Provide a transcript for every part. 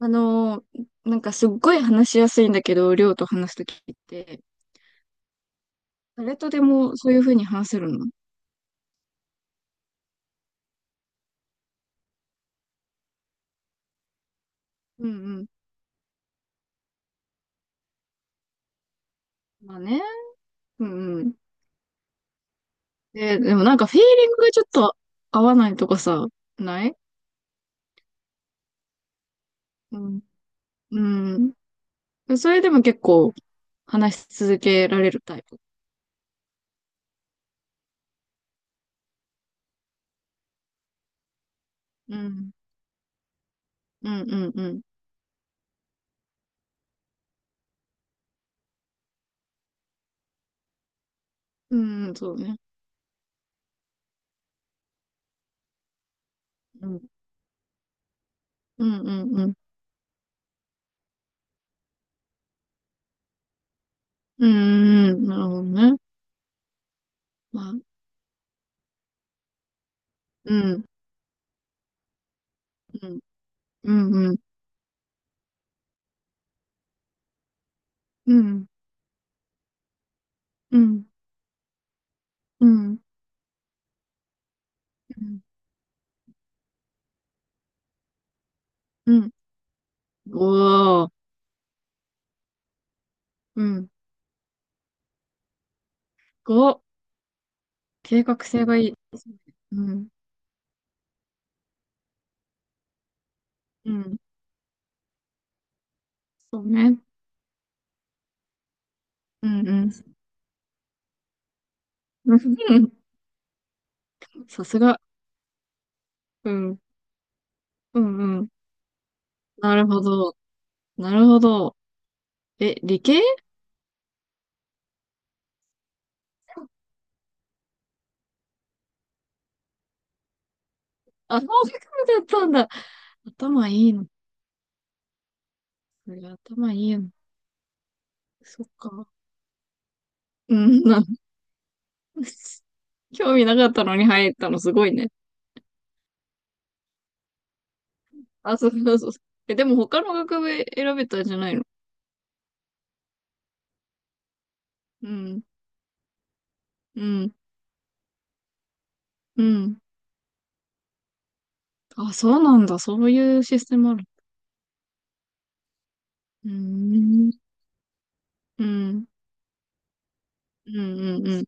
なんかすっごい話しやすいんだけど、りょうと話すときって、誰とでもそういうふうに話せるの。うんうん。まあね。うんうん。でもなんかフィーリングがちょっと合わないとかさ、ない。うん。うん。それでも結構話し続けられるタイプ。うん。うんうんうん。うんうん、そうね。うん。うんうんうん。うんうんうん。なるほどね。まあ、うん。うん。うんうん。うん。うん。うん。うん。うん。5、うん、5、計画性がいい。うん、うん、そうね。うん、うん。うん、さすが。うん、うん、うん。なるほど。なるほど。え、理系。あ、法学部だったんだ。頭いいの。そりゃ頭いいの。そっか。うん。興味なかったのに入ったのすごいね。あ、そうそうそう。え、でも他の学部選べたんじゃないの。うん、うん、うん。あ、そうなんだ。そういうシステムある。うーん。うん。うん。うん。うん。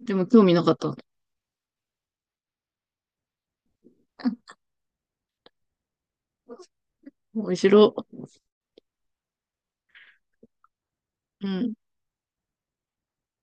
でも興味なかった。面白。うん。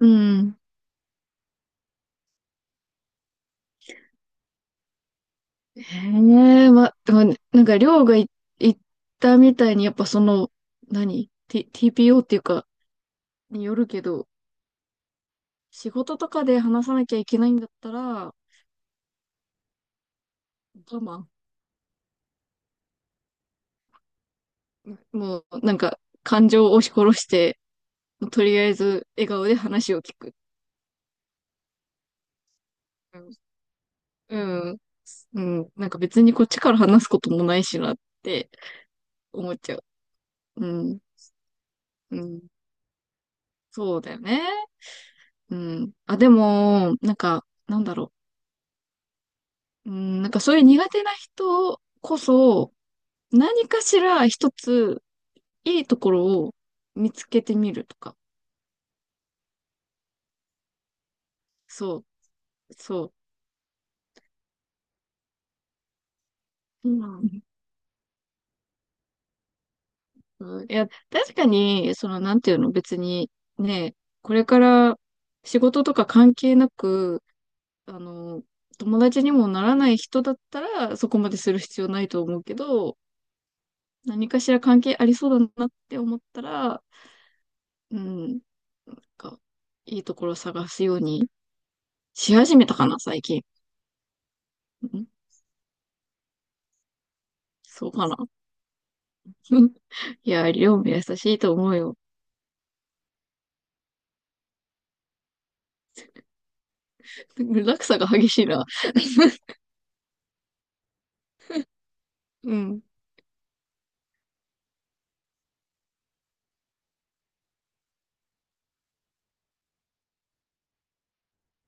うん。へえ、ま、でもなんか、りょうが言ったみたいに、やっぱその、何? TPO っていうか、によるけど、仕事とかで話さなきゃいけないんだったら、我慢。もう、なんか、感情を押し殺して、とりあえず笑顔で話を聞く。うん。うん。うん、なんか別にこっちから話すこともないしなって思っちゃう。うん。うん、そうだよね。うん。あ、でも、なんか、なんだろう。うん、なんかそういう苦手な人こそ、何かしら一ついいところを見つけてみるとか。そう、そう。うん。うん、いや、確かに、その、なんていうの、別に、ね、これから仕事とか関係なく、あの、友達にもならない人だったら、そこまでする必要ないと思うけど、何かしら関係ありそうだなって思ったら、うん。なんか、いいところ探すようにし始めたかな、最近。うん、そうかな。うん、いや、りょうも優しいと思うよ。落差が激しいな。うん。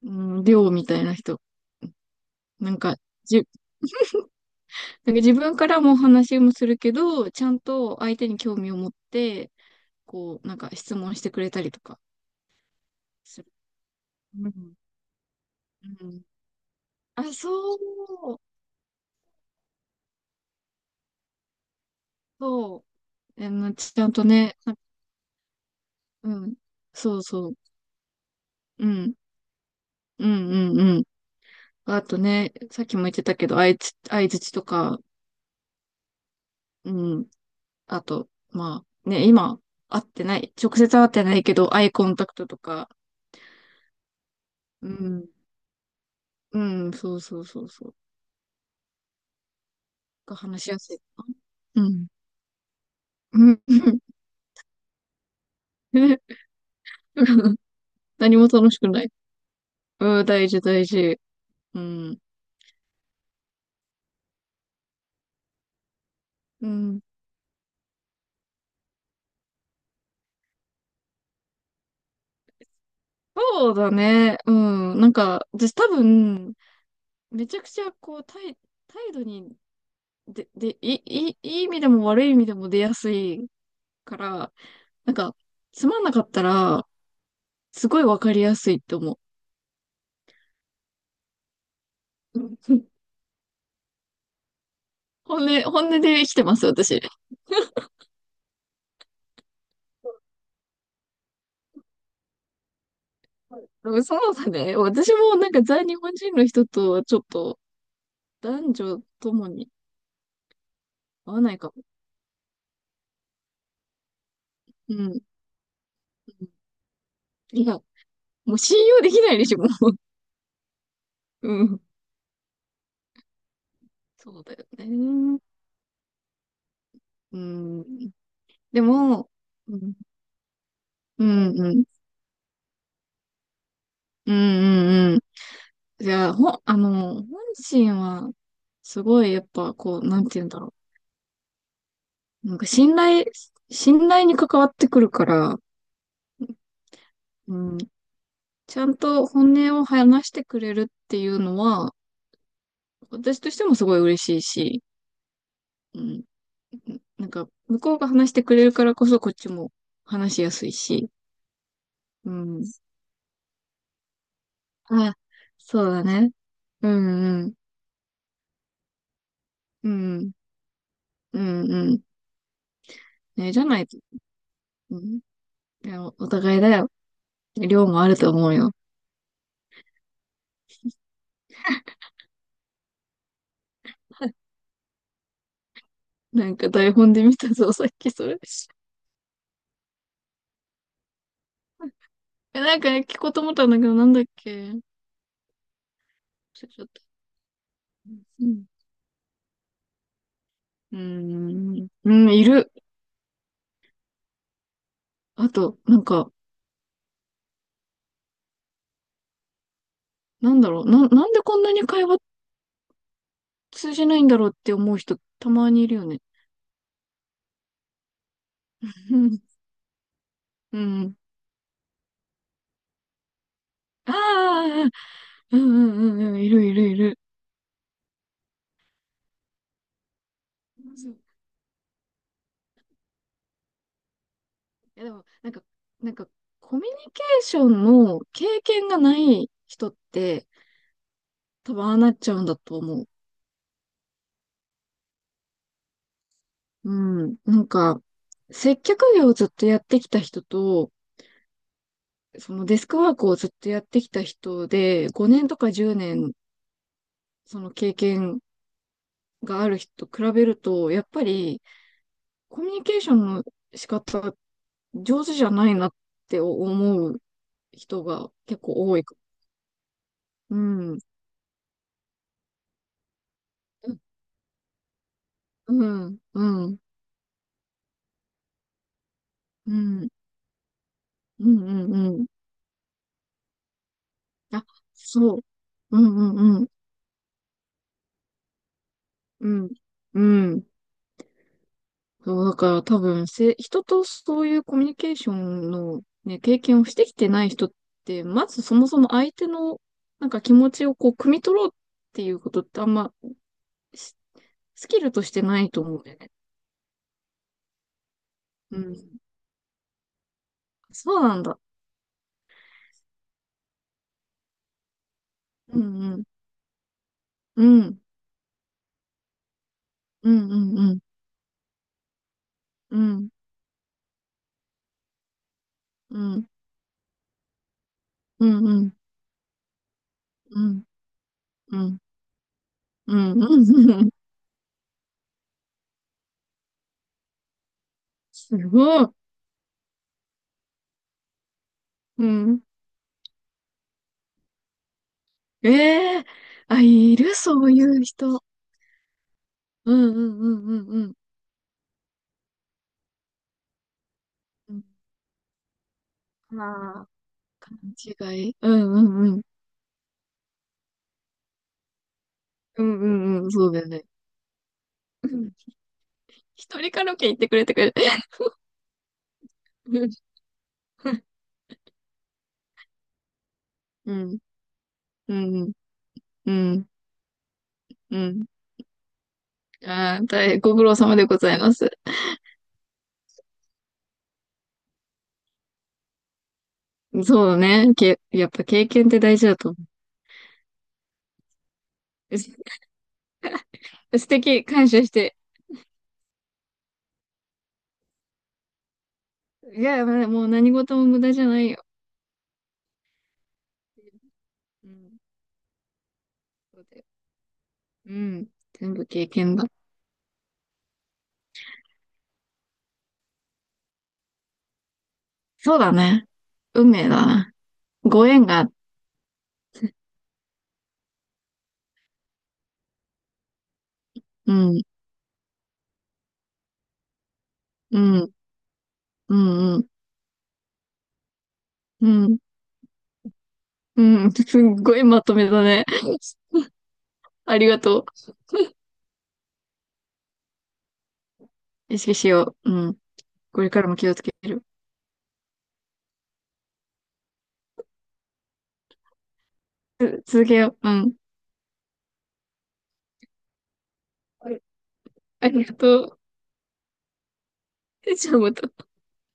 うん、りょうみたいな人。なんか、じ、なんか自分からも話もするけど、ちゃんと相手に興味を持って、こう、なんか質問してくれたりとかする。うん。うん。あ、そう、そう。あの、ちゃんとね、な、うん。そうそう。うん。うんうんうん。あとね、さっきも言ってたけど、相槌とか、うん。あと、まあ、ね、今、会ってない、直接会ってないけど、アイコンタクトとか、うん。うん、そうそうそうそう。が話しやすいかな。うん。うん。何も楽しくない。うん、大事大事。うん。うん。そうだね。うん。なんか、私多分、めちゃくちゃ、こう、態度に、で、で、いい、いい意味でも悪い意味でも出やすいから、なんか、つまんなかったら、すごいわかりやすいって思う。本音で生きてます、私。でもそうだね。私もなんか在日本人の人とはちょっと男女ともに合わないかも。うん。いや、もう信用できないでしょ、もう。うん。そうだよね。うん。でも、うん、うん、うん、うん、うん。じゃあ、あの、本心は、すごい、やっぱ、こう、なんて言うんだろう。なんか信頼、信頼に関わってくるから、うん、ちゃんと本音を話してくれるっていうのは、私としてもすごい嬉しいし、うん、なんか、向こうが話してくれるからこそこっちも話しやすいし、うん。あ、そうだね。うんうん。うん。うんうん。ね、じゃないと、うん。いや、お互いだよ。量もあると思うよ。なんか台本で見たぞ、さっきそれ。え、なんかね、聞こうと思ったんだけど、なんだっけ。ちょっと、うん。うーん、うん、いる。あと、なんか、なんでこんなに会話通じないんだろうって思う人、たまにいるよね。うんうん。ああ、うんうんうんうん、いるいるいる。そう、でも、なんか、なんか、コミュニケーションの経験がない人って、多分ああなっちゃうんだと思う。うん。なんか、接客業をずっとやってきた人と、そのデスクワークをずっとやってきた人で、5年とか10うねん年その経験がある人と比べると、やっぱりコミュニケーションの仕方上手じゃないなって思う人が結構多いか。うん。うん。うん。うん。うん。うん。うん。あ、そう。うんうんうん。うん。うん。そう、だから多分人とそういうコミュニケーションのね、経験をしてきてない人って、まずそもそも相手のなんか気持ちをこう、汲み取ろうっていうことってあんまスキルとしてないと思うんだよね。うん。そうなんだ。うんうん。うん。うんうんうん。うん。うん。うんうん。うん。うん。うん。うんうん。すごい。うん。ええ、あ、いるそういう人。うんうんうんうんうん。うん。ああ、勘違い。うんうんうん。うんうんうん。そうだよね。うん、一人カラオケ行ってくれてくれ。うん。うん。うん。うん。うん。ああ、大変ご苦労様でございます。そうね。やっぱ経験って大事だと思う。素敵、感謝して。いや、まあもう何事も無駄じゃないよ。うん。そうだよ。うん。全部経験だ。そうだね。運命だな。ご縁が、うん、うん、うん、うん、うん、うん。すっごいまとめだね。ありがとう。意識しよう。うん。これからも気をつける。続けよう。うん。ありがとう。じゃあまた。